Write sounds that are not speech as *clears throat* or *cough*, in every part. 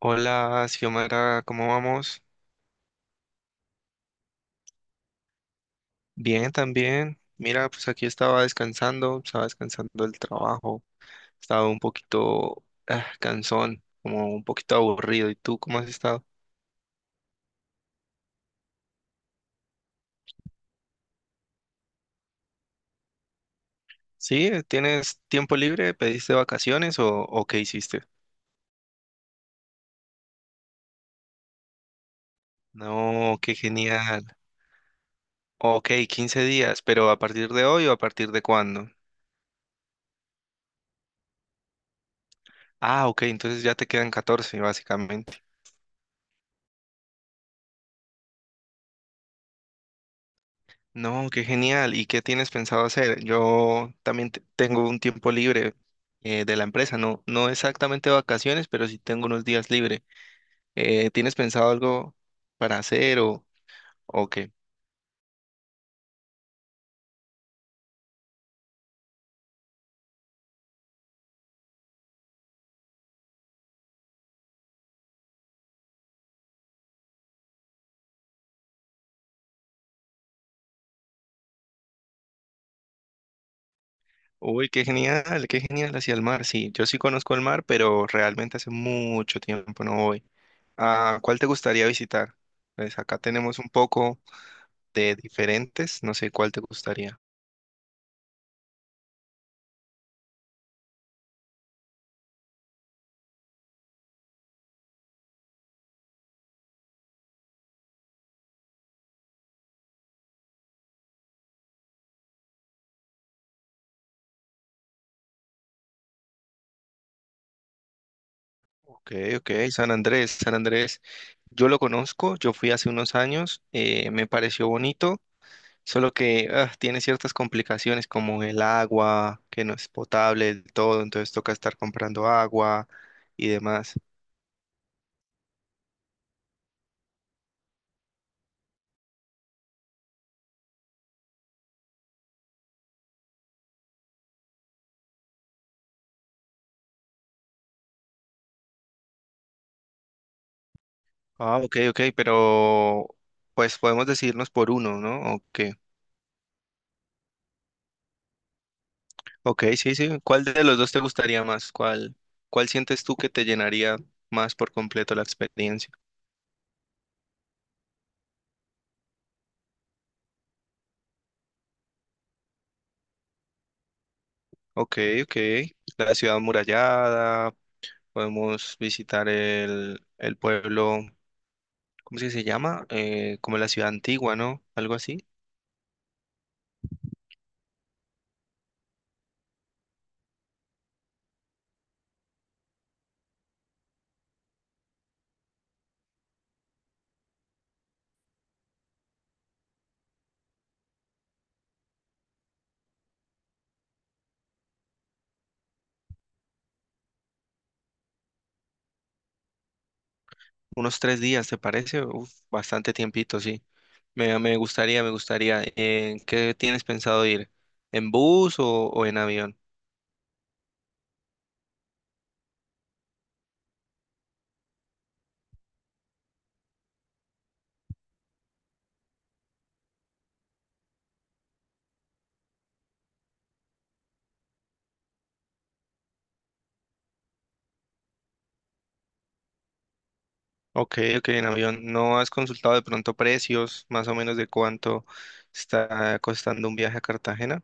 Hola, Xiomara, ¿cómo vamos? Bien, también. Mira, pues aquí estaba descansando del trabajo, estaba un poquito cansón, como un poquito aburrido. ¿Y tú cómo has estado? Sí, ¿tienes tiempo libre? ¿Pediste vacaciones o qué hiciste? No, qué genial. Ok, 15 días, pero ¿a partir de hoy o a partir de cuándo? Ah, ok, entonces ya te quedan 14, básicamente. No, qué genial. ¿Y qué tienes pensado hacer? Yo también tengo un tiempo libre de la empresa, no, no exactamente vacaciones, pero sí tengo unos días libre. ¿Tienes pensado algo para hacer o qué? Uy, qué genial hacia el mar. Sí, yo sí conozco el mar, pero realmente hace mucho tiempo no voy. ¿A cuál te gustaría visitar? Pues acá tenemos un poco de diferentes, no sé cuál te gustaría. Ok, ok, San Andrés, San Andrés. Yo lo conozco, yo fui hace unos años, me pareció bonito, solo que tiene ciertas complicaciones como el agua, que no es potable del todo, entonces toca estar comprando agua y demás. Ah, ok, ok, pero pues podemos decidirnos por uno, ¿no? Ok, ok, sí, sí. ¿Cuál de los dos te gustaría más? ¿Cuál sientes tú que te llenaría más por completo la experiencia? Ok, ok. La ciudad amurallada. Podemos visitar el pueblo, ¿cómo es que se llama? Como la ciudad antigua, ¿no? Algo así. Unos tres días, ¿te parece? Uf, bastante tiempito, sí. Me gustaría, me gustaría. ¿Qué tienes pensado ir? ¿En bus o en avión? Ok, ok, en avión. ¿No has consultado de pronto precios, más o menos de cuánto está costando un viaje a Cartagena?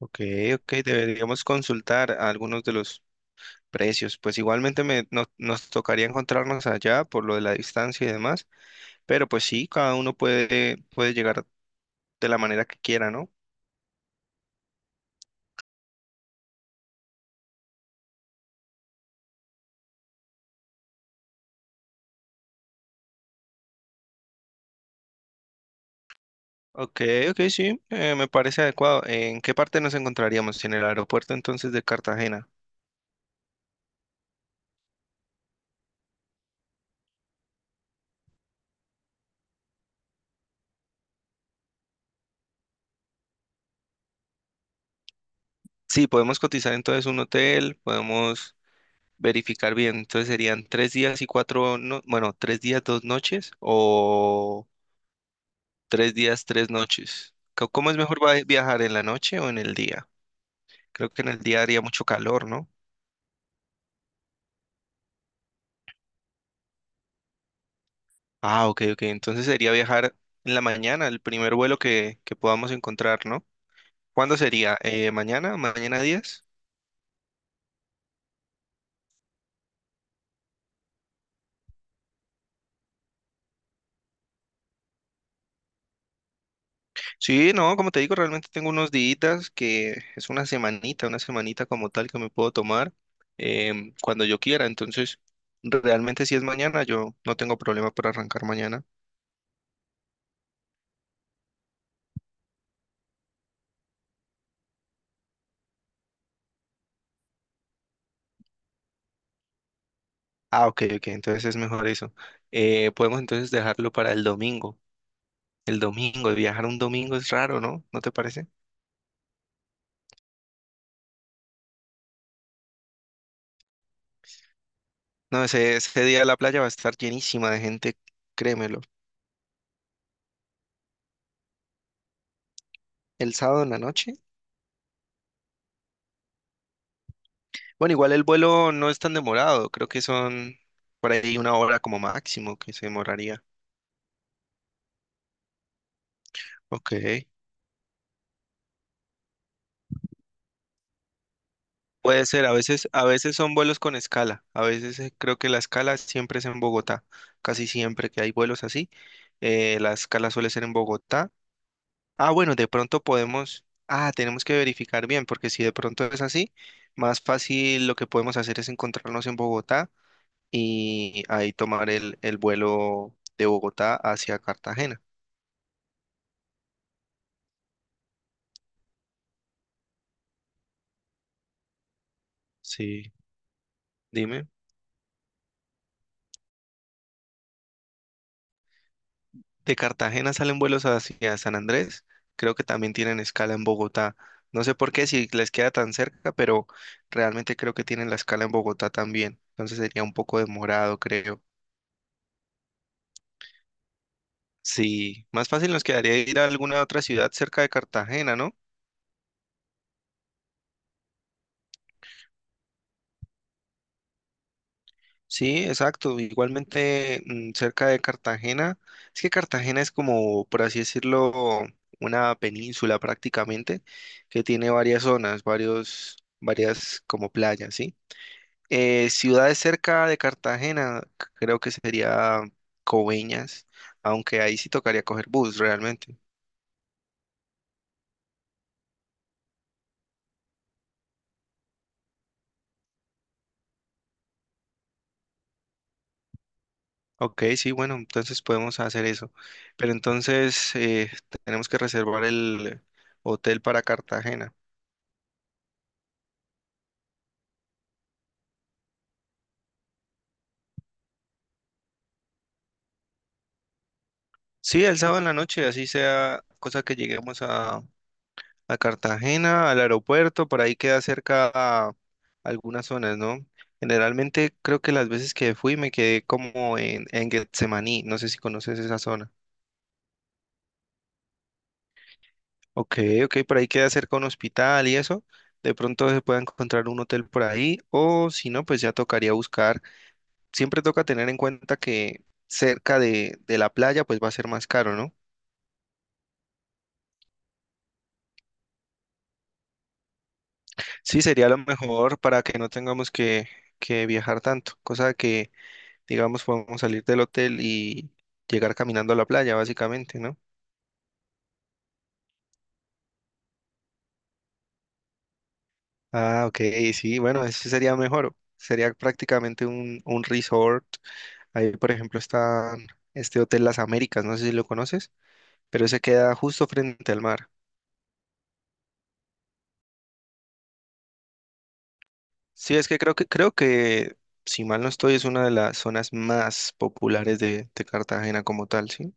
Ok, ok, deberíamos consultar a algunos de los precios. Pues igualmente me, no- nos tocaría encontrarnos allá por lo de la distancia y demás, pero pues sí, cada uno puede, puede llegar de la manera que quiera, ¿no? Ok, ok, sí, me parece adecuado. ¿En qué parte nos encontraríamos? ¿En el aeropuerto entonces de Cartagena? Sí, podemos cotizar entonces un hotel, podemos verificar bien. Entonces serían 3 días y cuatro, no, bueno, 3 días, 2 noches o 3 días, 3 noches. ¿Cómo es mejor viajar en la noche o en el día? Creo que en el día haría mucho calor, ¿no? Ah, ok, ok. Entonces sería viajar en la mañana, el primer vuelo que podamos encontrar, ¿no? ¿Cuándo sería? ¿Mañana? ¿Mañana 10? Sí, no, como te digo, realmente tengo unos días que es una semanita como tal que me puedo tomar cuando yo quiera. Entonces, realmente si es mañana, yo no tengo problema para arrancar mañana. Ah, ok, ok. Entonces es mejor eso. Podemos entonces dejarlo para el domingo. El domingo, viajar un domingo es raro, ¿no? ¿No te parece? No, ese día la playa va a estar llenísima de gente, créemelo. El sábado en la noche. Bueno, igual el vuelo no es tan demorado, creo que son por ahí una hora como máximo que se demoraría. Ok. Puede ser, a veces son vuelos con escala, a veces creo que la escala siempre es en Bogotá, casi siempre que hay vuelos así, la escala suele ser en Bogotá. Ah, bueno, de pronto podemos, ah, tenemos que verificar bien, porque si de pronto es así, más fácil lo que podemos hacer es encontrarnos en Bogotá y ahí tomar el vuelo de Bogotá hacia Cartagena. Sí, dime. De Cartagena salen vuelos hacia San Andrés. Creo que también tienen escala en Bogotá. No sé por qué si les queda tan cerca, pero realmente creo que tienen la escala en Bogotá también. Entonces sería un poco demorado, creo. Sí, más fácil nos quedaría ir a alguna otra ciudad cerca de Cartagena, ¿no? Sí, exacto. Igualmente cerca de Cartagena. Es que Cartagena es como, por así decirlo, una península prácticamente que tiene varias zonas, varias como playas, ¿sí? Ciudades cerca de Cartagena, creo que sería Coveñas, aunque ahí sí tocaría coger bus realmente. Ok, sí, bueno, entonces podemos hacer eso. Pero entonces tenemos que reservar el hotel para Cartagena. Sí, el sábado en la noche, así sea, cosa que lleguemos a Cartagena, al aeropuerto, por ahí queda cerca a algunas zonas, ¿no? Generalmente creo que las veces que fui me quedé como en Getsemaní, no sé si conoces esa zona. Ok, ok, por ahí queda cerca un hospital y eso. De pronto se puede encontrar un hotel por ahí, o si no, pues ya tocaría buscar. Siempre toca tener en cuenta que cerca de la playa, pues va a ser más caro, ¿no? Sí, sería lo mejor para que no tengamos que viajar tanto, cosa que, digamos, podemos salir del hotel y llegar caminando a la playa, básicamente, ¿no? Ah, ok, sí, bueno, eso sería mejor. Sería prácticamente un resort. Ahí, por ejemplo, está este Hotel Las Américas, no sé si lo conoces, pero se queda justo frente al mar. Sí, es que creo que, creo que, si mal no estoy, es una de las zonas más populares de Cartagena como tal, ¿sí?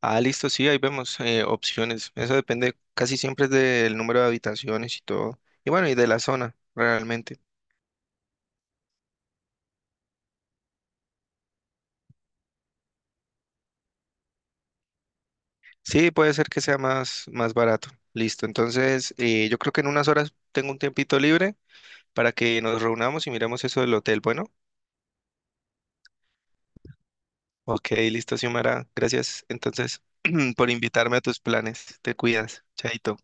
Ah, listo, sí, ahí vemos opciones. Eso depende casi siempre es del número de habitaciones y todo. Y bueno, y de la zona, realmente. Sí, puede ser que sea más, más barato. Listo, entonces yo creo que en unas horas tengo un tiempito libre para que nos reunamos y miremos eso del hotel. Bueno, ok, listo, Xiomara. Gracias entonces *clears throat* por invitarme a tus planes. Te cuidas, chaito.